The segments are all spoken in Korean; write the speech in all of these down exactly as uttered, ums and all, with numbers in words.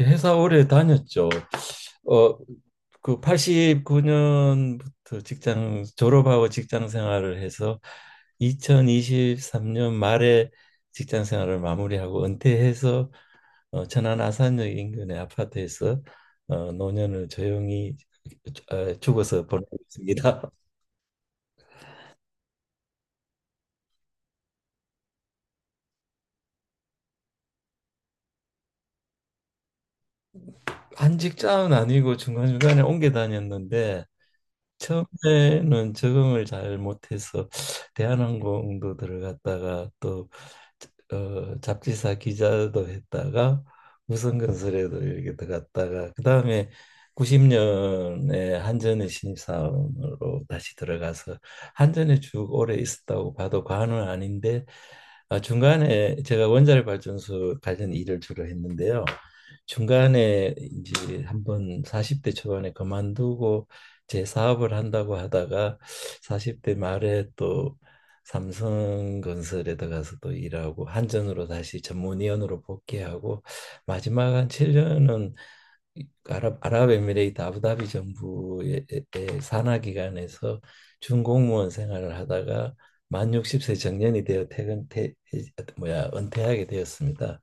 회사 오래 다녔죠. 어, 그 팔십구 년부터 직장 졸업하고 직장 생활을 해서 이천이십삼 년 말에 직장 생활을 마무리하고 은퇴해서 어, 천안 아산역 인근의 아파트에서 어, 노년을 조용히 어, 죽어서 보내고 있습니다. 한 직장은 아니고 중간중간에 옮겨 다녔는데 처음에는 적응을 잘 못해서 대한항공도 들어갔다가 또 어, 잡지사 기자도 했다가 우선건설에도 이렇게 들어갔다가 그 다음에 구십 년에 한전의 신입사원으로 다시 들어가서 한전에 쭉 오래 있었다고 봐도 과언은 아닌데 아, 중간에 제가 원자력 발전소 관련 일을 주로 했는데요. 중간에 이제 한번 사십 대 초반에 그만두고 제 사업을 한다고 하다가 사십 대 말에 또 삼성건설에 들어가서도 일하고 한전으로 다시 전문위원으로 복귀하고 마지막 한 칠 년은 아랍 아랍에미레이트 아부다비 정부의 산하 기관에서 준공무원 생활을 하다가 만 육십 세 정년이 되어 퇴근 퇴 뭐야 은퇴하게 되었습니다.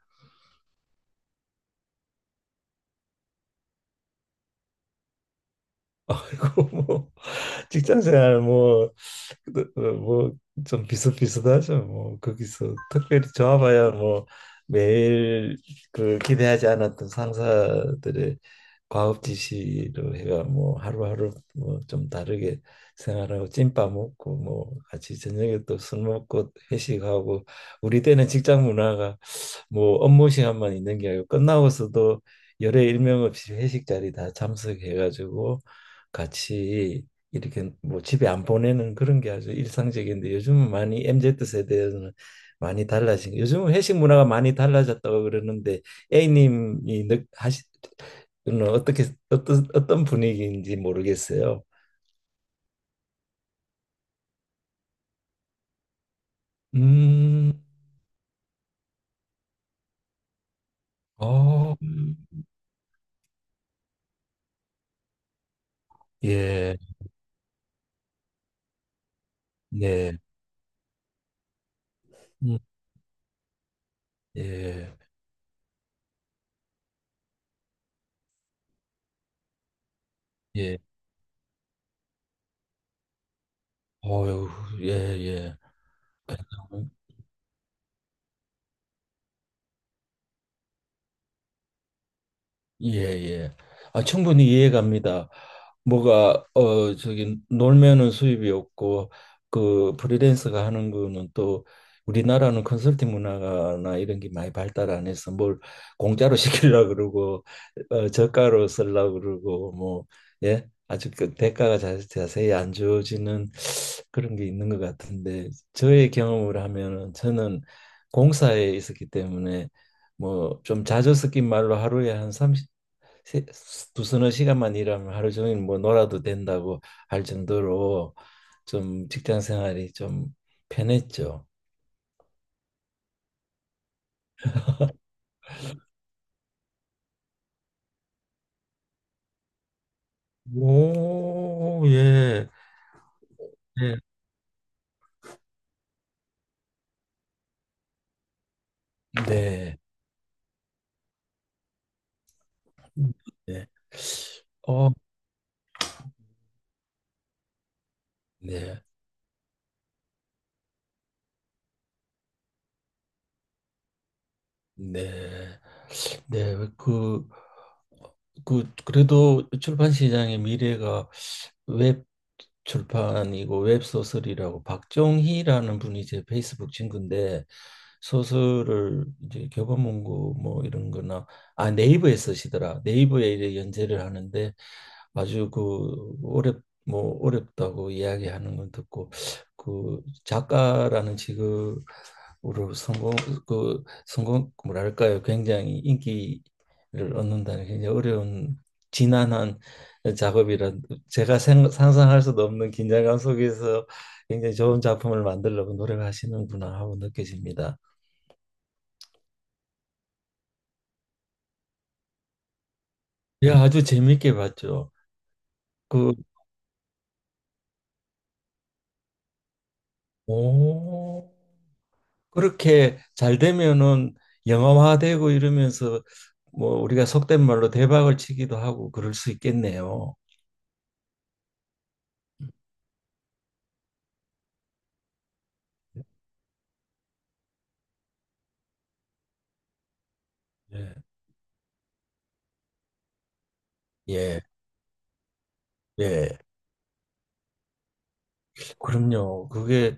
그리고 뭐 직장 생활 뭐뭐 좀 비슷비슷하죠. 뭐 거기서 특별히 좋아봐야 뭐 매일 그 기대하지 않았던 상사들의 과업 지시로 해가 뭐 하루하루 뭐 좀 다르게 생활하고 찐밥 먹고 뭐 같이 저녁에 또 술 먹고 회식하고 우리 때는 직장 문화가 뭐 업무 시간만 있는 게 아니고 끝나고서도 열에 일명 없이 회식 자리 다 참석해가지고 같이 이렇게 뭐 집에 안 보내는 그런 게 아주 일상적인데 요즘은 많이 엠지 세대는 많이 달라진 요즘은 회식 문화가 많이 달라졌다고 그러는데 A님이 느, 하시 는 어떻게 어떤 어떤 분위기인지 모르겠어요. 음, 어, 예, 예, 음, 예, 예, 어유, 예, 예. 예, 예. 아, 충분히 이해 갑니다. 뭐가 어 저기 놀면은 수입이 없고 그 프리랜서가 하는 거는 또 우리나라는 컨설팅 문화나 이런 게 많이 발달 안 해서 뭘 공짜로 시키려고 그러고 어, 저가로 쓰려고 그러고 뭐 예. 아주 그 대가가 자, 자세히 안 주어지는 그런 게 있는 것 같은데 저의 경험을 하면은 저는 공사에 있었기 때문에 뭐 좀 자주 섞인 말로 하루에 한 세- 두 서너 시간만 일하면 하루 종일 뭐 놀아도 된다고 할 정도로 좀 직장 생활이 좀 편했죠. 오, 예, 예. 네. 네. 어, 네. 네. 네. 그, 그, 그래도 출판 시장의 미래가 웹 출판이고 웹소설이라고 박종희라는 분이 제 페이스북 친구인데 소설을 이제 교보문고 뭐 이런 거나 아 네이버에 쓰시더라 네이버에 이제 연재를 하는데 아주 그 어렵 뭐 어렵다고 이야기하는 건 듣고 그 작가라는 직업으로 성공 그 성공 그 뭐랄까요 굉장히 인기를 얻는다는 게 굉장히 어려운 지난한 작업이라 제가 생, 상상할 수도 없는 긴장감 속에서 굉장히 좋은 작품을 만들려고 노력하시는구나 하고 느껴집니다. 예, 아주 재밌게 봤죠. 그 오, 그렇게 잘 되면은 영화화되고 이러면서 뭐 우리가 속된 말로 대박을 치기도 하고 그럴 수 있겠네요. 예. 예, 예. 그럼요. 그게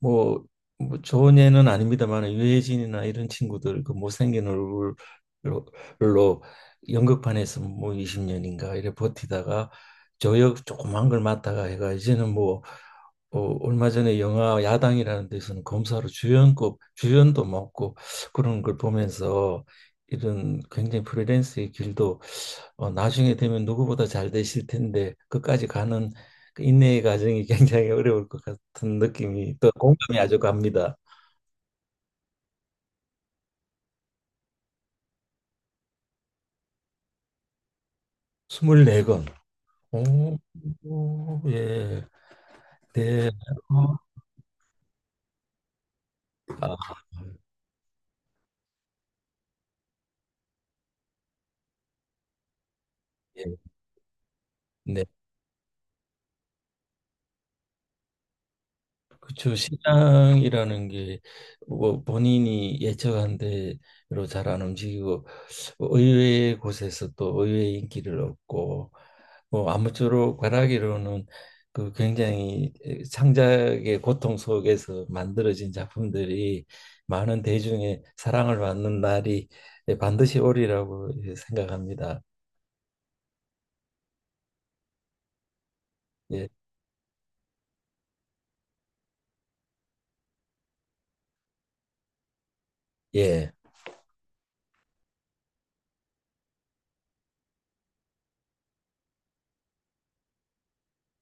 뭐, 뭐 좋은 예는 아닙니다만 유해진이나 이런 친구들 그 못생긴 얼굴로 연극판에서 뭐 이십 년인가 이래 버티다가 저역 조그만 걸 맡다가 해가 이제는 뭐 어, 얼마 전에 영화 야당이라는 데서는 검사로 주연급 주연도 맡고 그런 걸 보면서 이런 굉장히 프리랜서의 길도 어, 나중에 되면 누구보다 잘 되실 텐데 끝까지 가는 그 인내의 과정이 굉장히 어려울 것 같은 느낌이 또 공감이 아주 갑니다. 스물네 권. 오, 오, 예. 네. 어, 아, 예. 네. 그렇죠. 시장이라는 게 뭐 본인이 예측한 대로 잘 안 움직이고 의외의 곳에서 또 의외의 인기를 얻고 뭐 아무쪼록 바라기로는 그 굉장히 창작의 고통 속에서 만들어진 작품들이 많은 대중의 사랑을 받는 날이 반드시 오리라고 예, 생각합니다. 예, 예,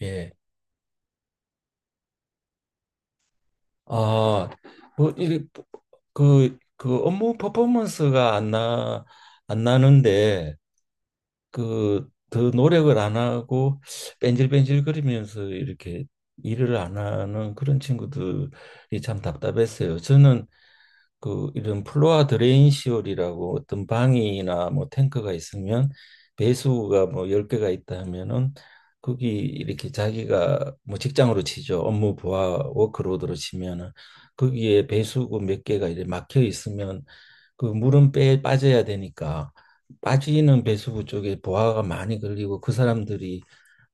예. 아, 뭐, 이, 그, 그 업무 퍼포먼스가 안 나, 안 나는데, 그, 더 노력을 안 하고, 뺀질뺀질거리면서 이렇게 일을 안 하는 그런 친구들이 참 답답했어요. 저는 그 이런 플로아 드레인 시월이라고 어떤 방이나 뭐 탱크가 있으면 배수구가 뭐 열개가 있다 하면은 거기 이렇게 자기가 뭐 직장으로 치죠. 업무 부하 워크로드로 치면은 거기에 배수구 몇 개가 이렇게 막혀 있으면 그 물은 빼 빠져야 되니까 빠지는 배수구 쪽에 부하가 많이 걸리고 그 사람들이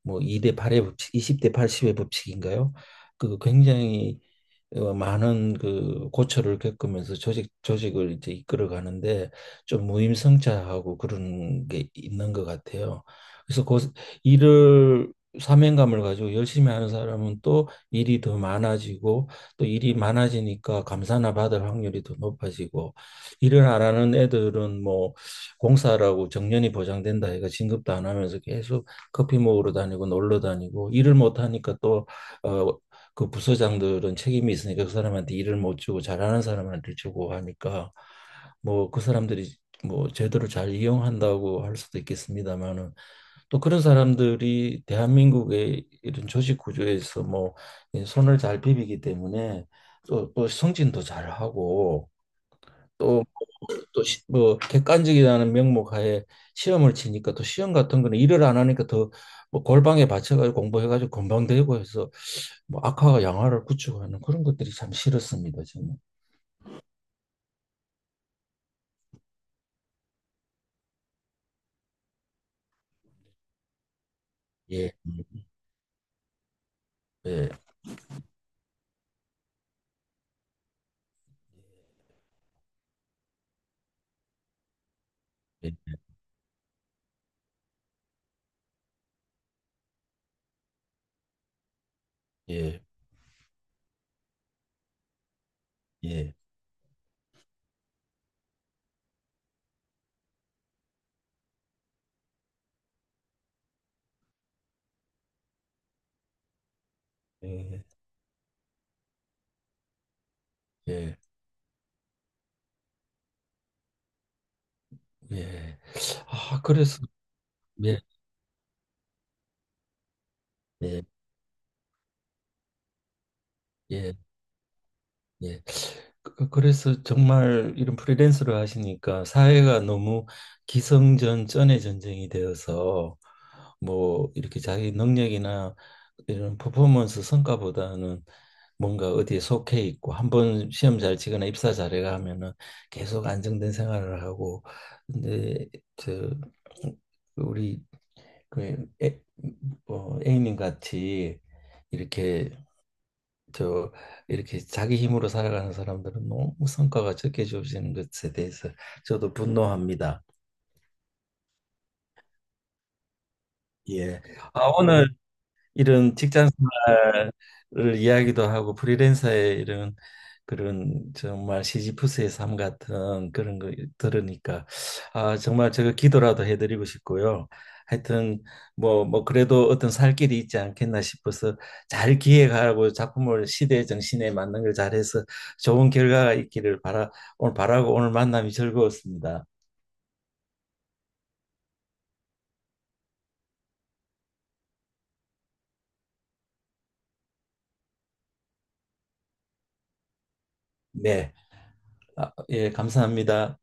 뭐 이 대 팔의 법칙, 이십 대 팔십의 법칙인가요? 그 굉장히 어, 많은 그 고초를 겪으면서 조직 조직을 이제 이끌어 가는데 좀 무임승차하고 그런 게 있는 것 같아요. 그래서 그 일을 사명감을 가지고 열심히 하는 사람은 또 일이 더 많아지고 또 일이 많아지니까 감사나 받을 확률이 더 높아지고 일을 안 하는 애들은 뭐 공사라고 정년이 보장된다 해가 진급도 안 하면서 계속 커피 먹으러 다니고 놀러 다니고 일을 못 하니까 또 어, 그 부서장들은 책임이 있으니까 그 사람한테 일을 못 주고 잘하는 사람한테 주고 하니까 뭐 그 사람들이 뭐 제도를 잘 이용한다고 할 수도 있겠습니다만은 또 그런 사람들이 대한민국의 이런 조직 구조에서 뭐이 손을 잘 비비기 때문에 또 또 승진도 잘하고 또 또뭐 객관적이라는 명목 하에 시험을 치니까 또 시험 같은 거는 일을 안 하니까 더 뭐 골방에 받쳐가지고 공부해가지고 건방 되고 해서 뭐 악화가 양화를 구축하는 그런 것들이 참 싫었습니다. 저는 예 예 예 예 예 예 예 예 아 그래서 예 예, 예. 예. 그- 그, 그래서 정말 이런 프리랜서를 하시니까 사회가 너무 기성전 전의 전쟁이 되어서 뭐 이렇게 자기 능력이나 이런 퍼포먼스 성과보다는 뭔가 어디에 속해 있고 한 번 시험 잘 치거나 입사 잘해가 하면은 계속 안정된 생활을 하고 근데 저 우리 그 애, 어, A님 같이 이렇게 저 이렇게 자기 힘으로 살아가는 사람들은 너무 성과가 적게 주어지는 것에 대해서 저도 분노합니다. 예. 아, 오늘 이런 직장 생활을 이야기도 하고 프리랜서의 이런 그런 정말 시지프스의 삶 같은 그런 거 들으니까 아 정말 제가 기도라도 해드리고 싶고요. 하여튼 뭐 뭐 그래도 어떤 살 길이 있지 않겠나 싶어서 잘 기획하고 작품을 시대 정신에 맞는 걸 잘해서 좋은 결과가 있기를 바라 오늘 바라고 오늘 만남이 즐거웠습니다. 네, 아, 예, 감사합니다.